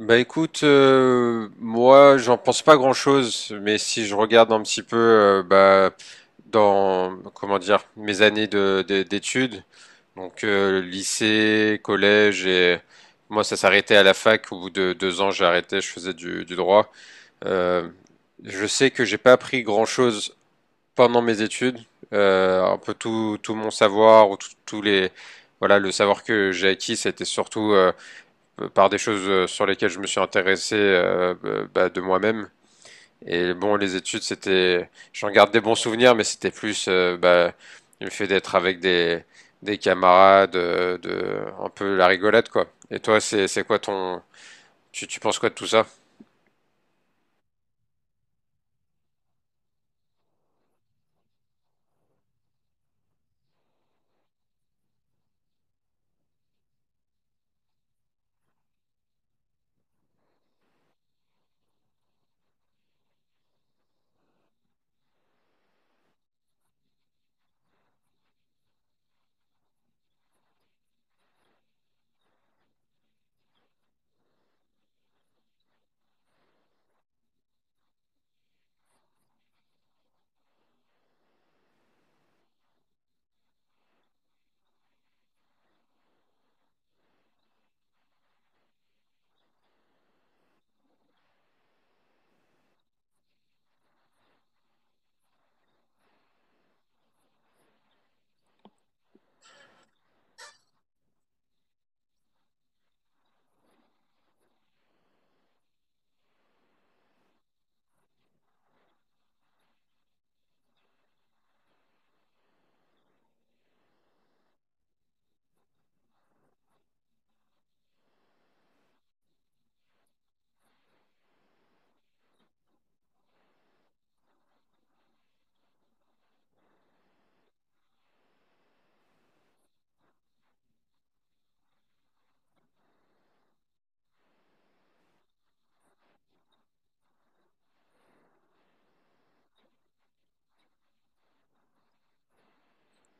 Bah écoute, moi j'en pense pas grand-chose, mais si je regarde un petit peu dans comment dire mes années d'études, lycée, collège et moi ça s'arrêtait à la fac. Au bout de deux ans j'ai arrêté, je faisais du droit. Euh, je sais que j'ai pas appris grand-chose pendant mes études. Un peu tout mon savoir ou tous les voilà le savoir que j'ai acquis, c'était surtout par des choses sur lesquelles je me suis intéressé bah, de moi-même. Et bon, les études, c'était, j'en garde des bons souvenirs, mais c'était plus bah, le fait d'être avec des camarades, un peu la rigolade, quoi. Et toi, c'est quoi ton, tu penses quoi de tout ça?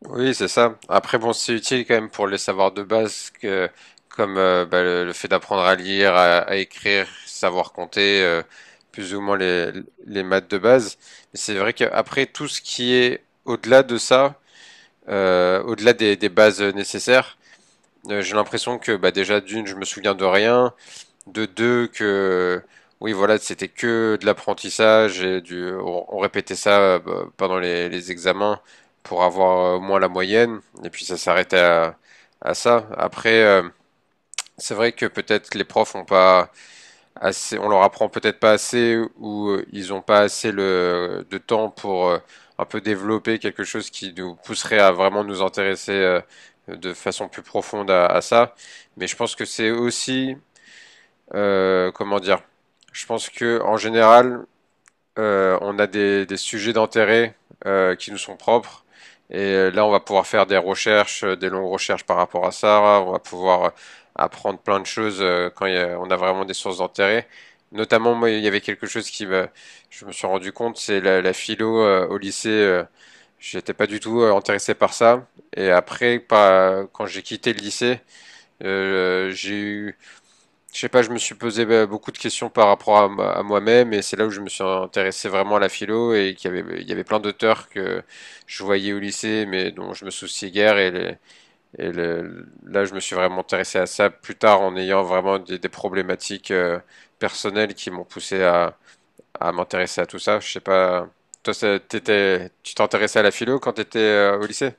Oui, c'est ça. Après, bon, c'est utile quand même pour les savoirs de base, que, comme le fait d'apprendre à lire, à écrire, savoir compter, plus ou moins les maths de base. Mais c'est vrai qu'après, tout ce qui est au-delà de ça, au-delà des bases nécessaires, j'ai l'impression que bah, déjà d'une, je me souviens de rien de deux que oui voilà c'était que de l'apprentissage et du on répétait ça bah, pendant les examens pour avoir au moins la moyenne et puis ça s'arrêtait à ça après c'est vrai que peut-être les profs ont pas assez on leur apprend peut-être pas assez ou ils ont pas assez le de temps pour un peu développer quelque chose qui nous pousserait à vraiment nous intéresser de façon plus profonde à ça mais je pense que c'est aussi comment dire? Je pense que en général, on a des sujets d'intérêt qui nous sont propres. Et là, on va pouvoir faire des recherches, des longues recherches par rapport à ça. On va pouvoir apprendre plein de choses quand on a vraiment des sources d'intérêt. Notamment, moi, il y avait quelque chose qui me, je me suis rendu compte, c'est la philo au lycée. J'étais pas du tout intéressé par ça. Et après, quand j'ai quitté le lycée, j'ai eu je sais pas, je me suis posé bah, beaucoup de questions par rapport à, à moi-même et c'est là où je me suis intéressé vraiment à la philo et qu'il y avait, il y avait plein d'auteurs que je voyais au lycée mais dont je me souciais guère là je me suis vraiment intéressé à ça plus tard en ayant vraiment des problématiques personnelles qui m'ont poussé à m'intéresser à tout ça. Je sais pas, toi t'étais, tu t'intéressais à la philo quand t'étais au lycée?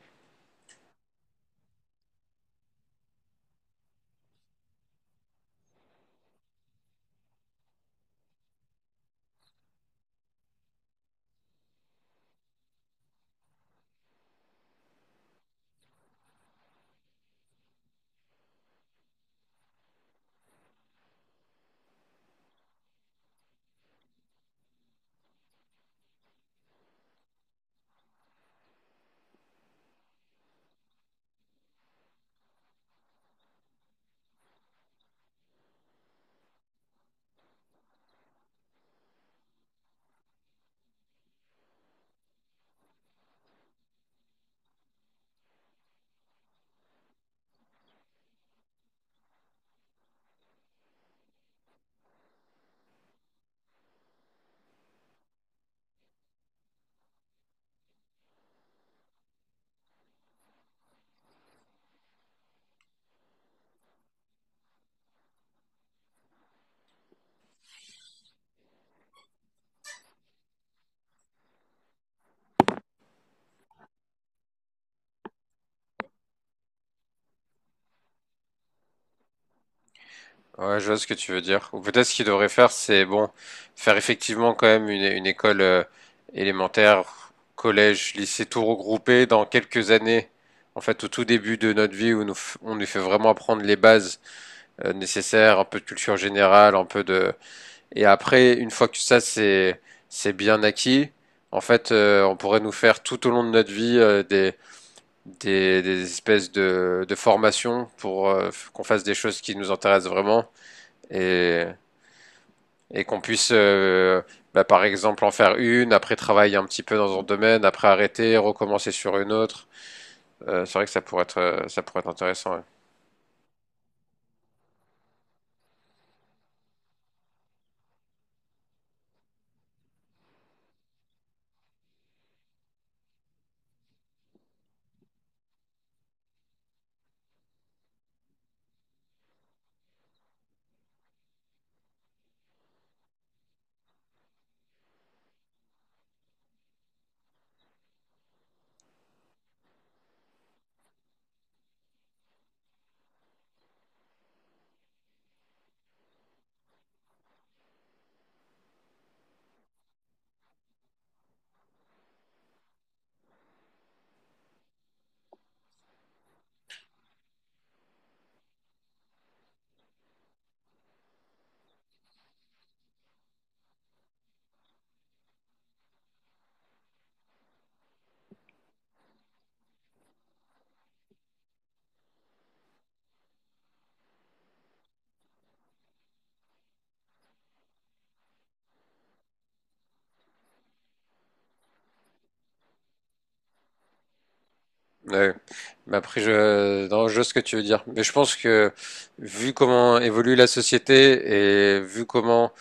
Ouais, je vois ce que tu veux dire. Ou peut-être ce qu'il devrait faire, c'est bon, faire effectivement quand même une école élémentaire, collège, lycée, tout regroupé dans quelques années. En fait, au tout début de notre vie, où nous, on nous fait vraiment apprendre les bases nécessaires, un peu de culture générale, un peu de... Et après, une fois que ça, c'est bien acquis, en fait, on pourrait nous faire tout au long de notre vie des espèces de formations pour qu'on fasse des choses qui nous intéressent vraiment. Et et qu'on puisse, bah, par exemple, en faire une, après travailler un petit peu dans un domaine, après arrêter, recommencer sur une autre. C'est vrai que ça pourrait être intéressant. Ouais. Ouais. Mais après, je, non, je vois ce que tu veux dire. Mais je pense que vu comment évolue la société et vu comment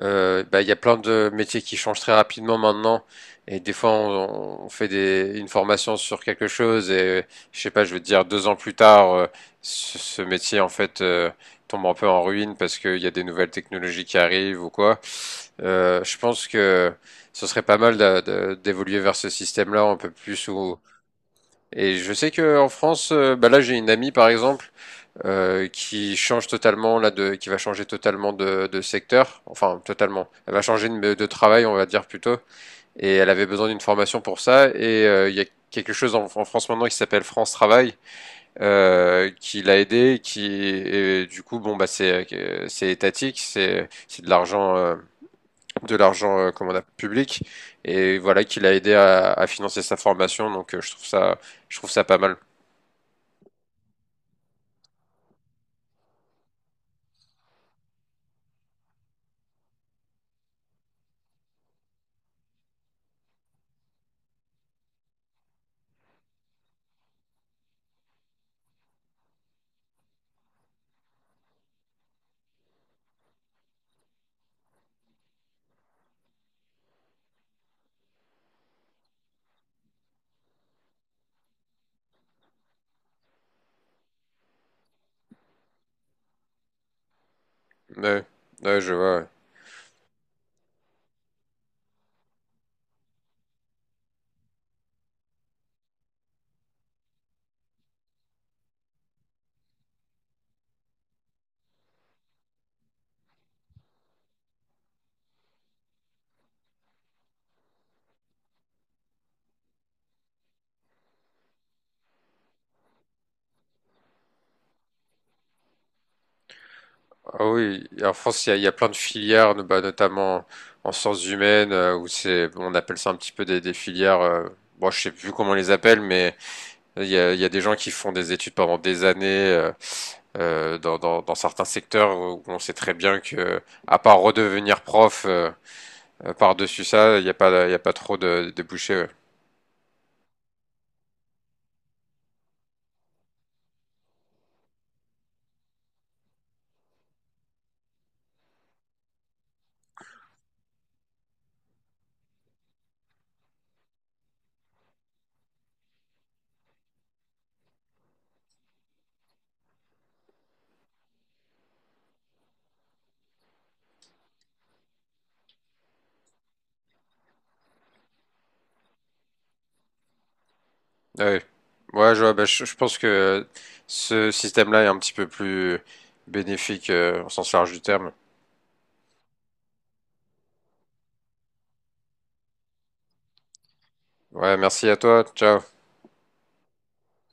bah, il y a plein de métiers qui changent très rapidement maintenant, et des fois on fait une formation sur quelque chose et je sais pas, je veux te dire deux ans plus tard, ce métier en fait tombe un peu en ruine parce qu'il y a des nouvelles technologies qui arrivent ou quoi. Je pense que ce serait pas mal d'évoluer vers ce système-là un peu plus où et je sais que en France, bah là j'ai une amie par exemple qui change totalement là de, qui va changer totalement de secteur, enfin totalement. Elle va changer de travail, on va dire plutôt. Et elle avait besoin d'une formation pour ça. Et il y a quelque chose en France maintenant qui s'appelle France Travail qui l'a aidé, qui et du coup bon bah c'est étatique, c'est de l'argent comment on appelle, public et voilà qui l'a aidé à financer sa formation. Donc je trouve ça pas mal. Ouais, ouais, je vois. Ouais. Ah oui, et en France, il y a plein de filières, bah, notamment en sciences humaines, où c'est, bon, on appelle ça un petit peu des filières. Bon, je sais plus comment on les appelle, mais il y a des gens qui font des études pendant des années euh, dans certains secteurs où on sait très bien que, à part redevenir prof par-dessus ça, il n'y a pas, il y a pas trop de débouchés. Ouais. Ouais. Ouais, je vois, bah, je pense que ce système-là est un petit peu plus bénéfique au sens large du terme. Ouais, merci à toi. Ciao.